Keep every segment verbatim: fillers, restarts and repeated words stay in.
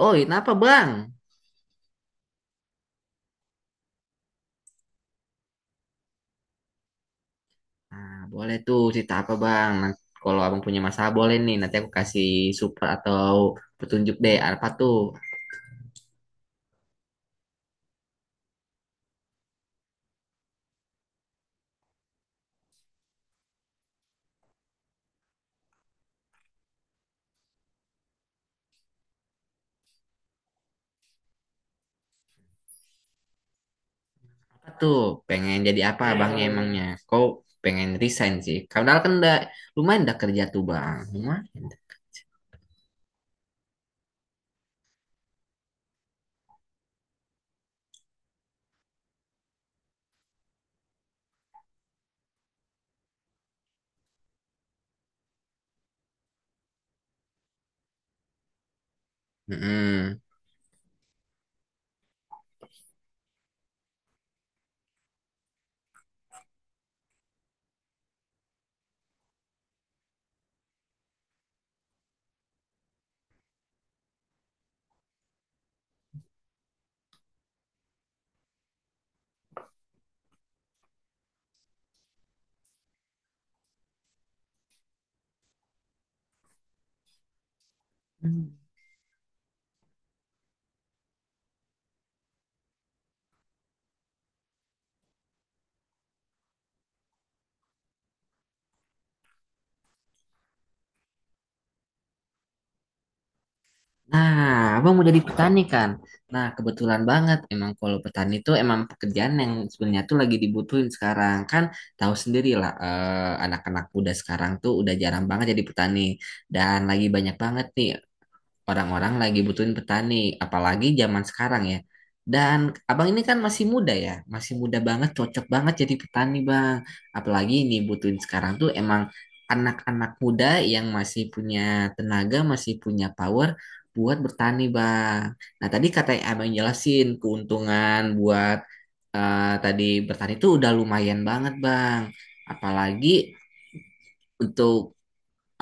Oh, kenapa bang? Nah, boleh tuh cerita apa bang? Nah, kalau abang punya masalah boleh nih. Nanti aku kasih support atau petunjuk deh. Apa tuh? Apa tuh? Pengen jadi apa abangnya emangnya? Kau pengen resign sih? Karena kan udah lumayan udah kerja tuh bang. Lumayan. Mm-mm. Nah, abang mau jadi petani kan? Nah, kebetulan banget emang kalau petani itu emang pekerjaan yang sebenarnya tuh lagi dibutuhin sekarang kan tahu sendiri lah eh, anak-anak muda sekarang tuh udah jarang banget jadi petani dan lagi banyak banget nih orang-orang lagi butuhin petani, apalagi zaman sekarang ya. Dan abang ini kan masih muda ya, masih muda banget, cocok banget jadi petani bang. Apalagi ini butuhin sekarang tuh emang anak-anak muda yang masih punya tenaga, masih punya power buat bertani bang. Nah tadi katanya abang jelasin keuntungan buat eh, tadi bertani itu udah lumayan banget bang. Apalagi untuk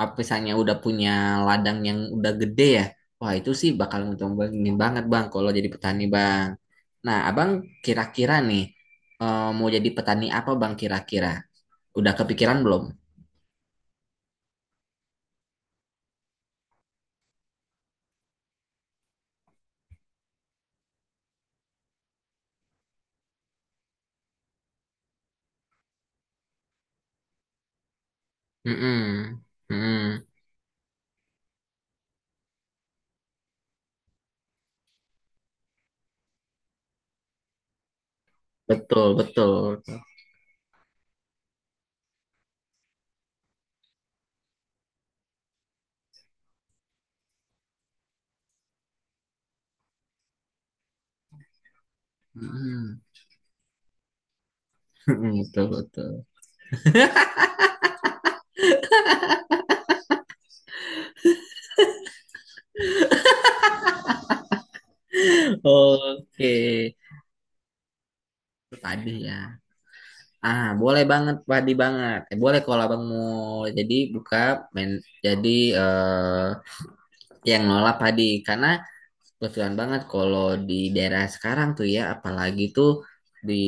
apa misalnya udah punya ladang yang udah gede ya, wah itu sih bakal untung ini banget bang kalau jadi petani bang. Nah abang kira-kira nih eh, mau jadi petani apa bang kira-kira? Udah kepikiran belum? Mm-mm. Mm-mm. Betul betul. Betul. Mm-mm. Betul betul. Oke. Padi ya. Ah, boleh banget padi banget. Eh, boleh kalau abang mau jadi buka men jadi eh yang nolak padi karena kebetulan banget kalau di daerah sekarang tuh ya, apalagi tuh di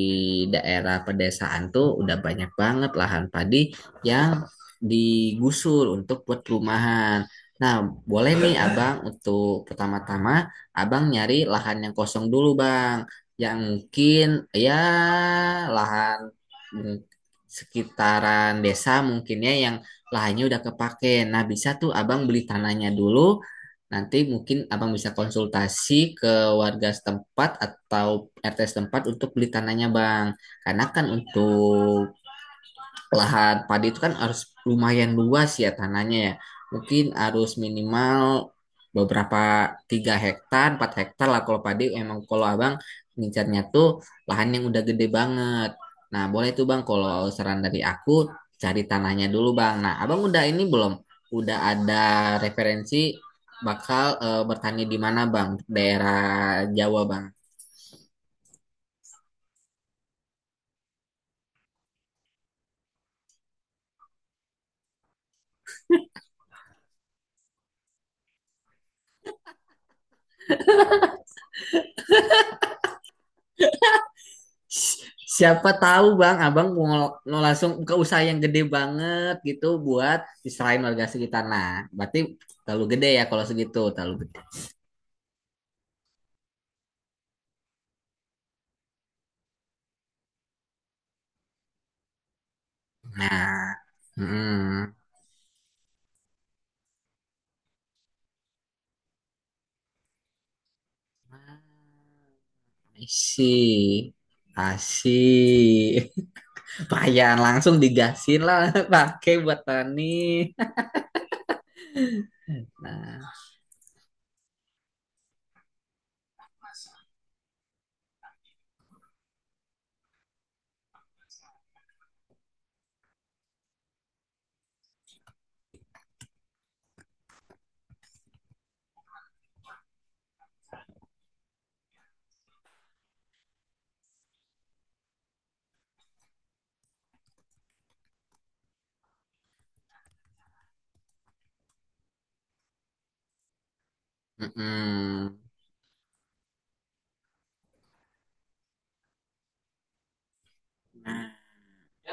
daerah pedesaan tuh udah banyak banget lahan padi yang digusur untuk buat perumahan. Nah, boleh nih Abang untuk pertama-tama Abang nyari lahan yang kosong dulu, Bang. Yang mungkin ya lahan mm, sekitaran desa mungkinnya yang lahannya udah kepake. Nah, bisa tuh Abang beli tanahnya dulu. Nanti mungkin abang bisa konsultasi ke warga setempat atau R T setempat untuk beli tanahnya bang. Karena kan untuk lahan padi itu kan harus lumayan luas ya tanahnya ya. Mungkin harus minimal beberapa tiga hektar, empat hektar lah kalau padi emang kalau abang ngincarnya tuh lahan yang udah gede banget. Nah, boleh tuh bang kalau saran dari aku cari tanahnya dulu bang. Nah, abang udah ini belum? Udah ada referensi bakal eh, bertani di mana bang? Daerah Jawa bang. Siapa tahu Bang, Abang mau, mau langsung buka usaha yang gede banget gitu buat diserahin warga sekitar. Nah, berarti terlalu gede ya kalau segitu, terlalu gede. Nah, mm, I see. Asih. Payan langsung digasin lah pakai buat tani. Nah, mm-mm.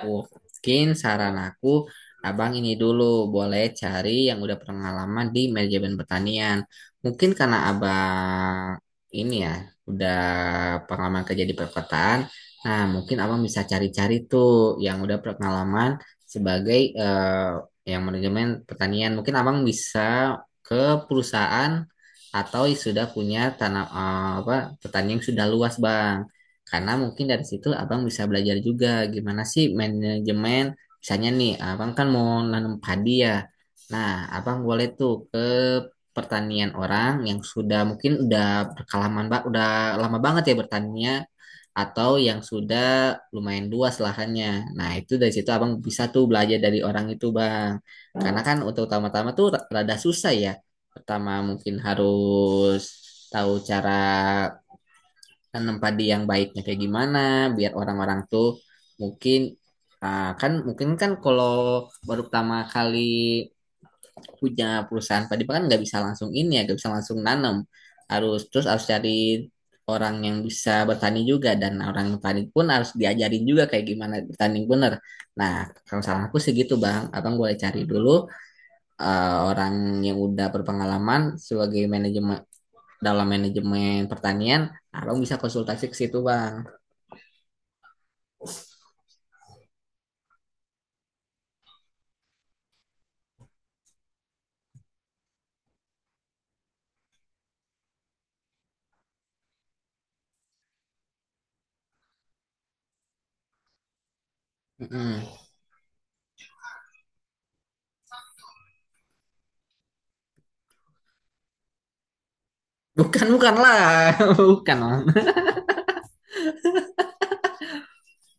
Mungkin saran aku, abang ini dulu boleh cari yang udah pengalaman di manajemen pertanian. Mungkin karena abang ini ya, udah pengalaman kerja di perkotaan. Nah, mungkin abang bisa cari-cari tuh yang udah pengalaman sebagai eh, yang manajemen pertanian. Mungkin abang bisa ke perusahaan atau sudah punya tanah eh, apa pertanian yang sudah luas, bang. Karena mungkin dari situ abang bisa belajar juga gimana sih manajemen. Misalnya nih, abang kan mau nanam padi ya. Nah, abang boleh tuh ke pertanian orang yang sudah mungkin udah berkalaman, Pak, udah lama banget ya bertaninya atau yang sudah lumayan luas lahannya. Nah, itu dari situ abang bisa tuh belajar dari orang itu, Bang. Karena kan untuk utama-tama tuh rada susah ya. Pertama mungkin harus tahu cara tanam padi yang baiknya kayak gimana biar orang-orang tuh mungkin ah, kan mungkin kan kalau baru pertama kali punya perusahaan padi kan nggak bisa langsung ini ya nggak bisa langsung nanam harus terus harus cari orang yang bisa bertani juga dan orang yang bertani pun harus diajarin juga kayak gimana bertani bener. Nah, kalau saran aku sih gitu Bang. Abang boleh cari dulu eh, orang yang udah berpengalaman sebagai manajemen dalam manajemen pertanian, abang bisa konsultasi ke situ, Bang. Mm-mm. Bukan, bukan lah. Bukan lah.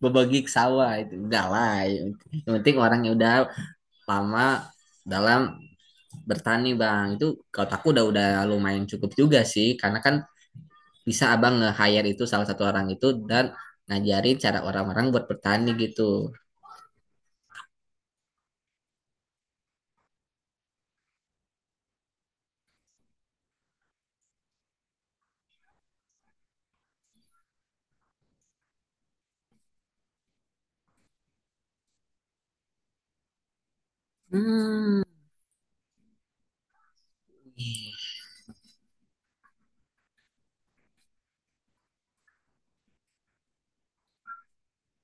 Berbagi sawah itu. Enggak lah. Yang penting orangnya udah lama dalam bertani bang. Itu kalau aku udah udah lumayan cukup juga sih. Karena kan bisa abang nge-hire itu salah satu orang itu dan ngajarin cara orang-orang buat bertani gitu. Hmm.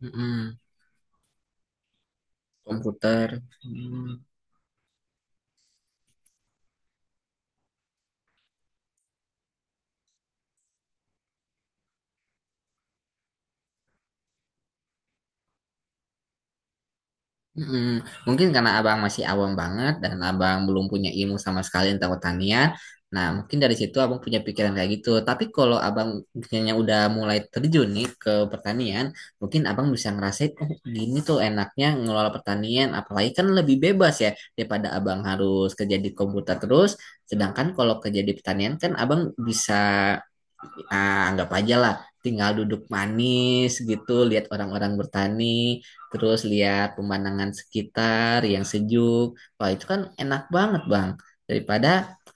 Mm-mm. Komputer. Hmm. Mm, mungkin karena abang masih awam banget dan abang belum punya ilmu sama sekali tentang pertanian. Nah, mungkin dari situ abang punya pikiran kayak gitu. Tapi kalau abang kayaknya udah mulai terjun nih ke pertanian, mungkin abang bisa ngerasain, oh gini tuh enaknya ngelola pertanian. Apalagi kan lebih bebas ya daripada abang harus kerja di komputer terus. Sedangkan kalau kerja di pertanian kan abang bisa ah, anggap aja lah tinggal duduk manis gitu lihat orang-orang bertani terus lihat pemandangan sekitar yang sejuk wah itu kan enak banget bang daripada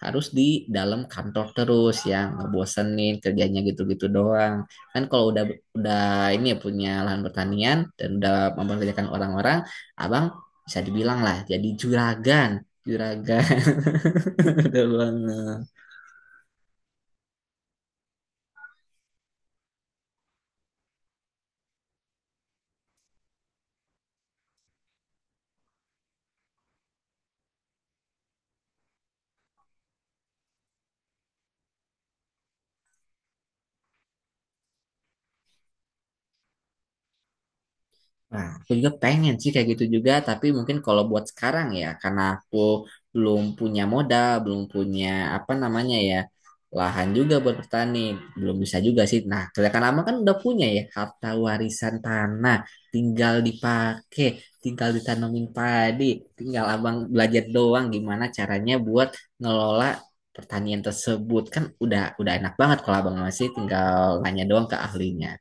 harus di dalam kantor terus yang ngebosenin kerjanya gitu-gitu doang kan kalau udah udah ini ya punya lahan pertanian dan udah mempekerjakan orang-orang abang bisa dibilang lah jadi juragan juragan. Betul banget. Nah, aku juga pengen sih kayak gitu juga, tapi mungkin kalau buat sekarang ya, karena aku belum punya modal, belum punya apa namanya ya, lahan juga buat bertani, belum bisa juga sih. Nah, kelihatan lama kan udah punya ya, harta warisan tanah, tinggal dipakai, tinggal ditanamin padi, tinggal abang belajar doang gimana caranya buat ngelola pertanian tersebut. Kan udah udah enak banget kalau abang masih tinggal nanya doang ke ahlinya.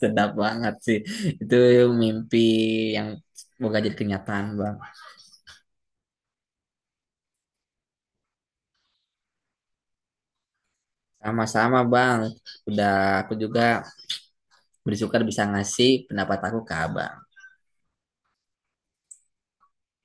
Sedap banget sih. Itu mimpi yang semoga jadi kenyataan, Bang. Sama-sama, Bang. Udah aku juga bersyukur bisa ngasih pendapat aku ke Abang.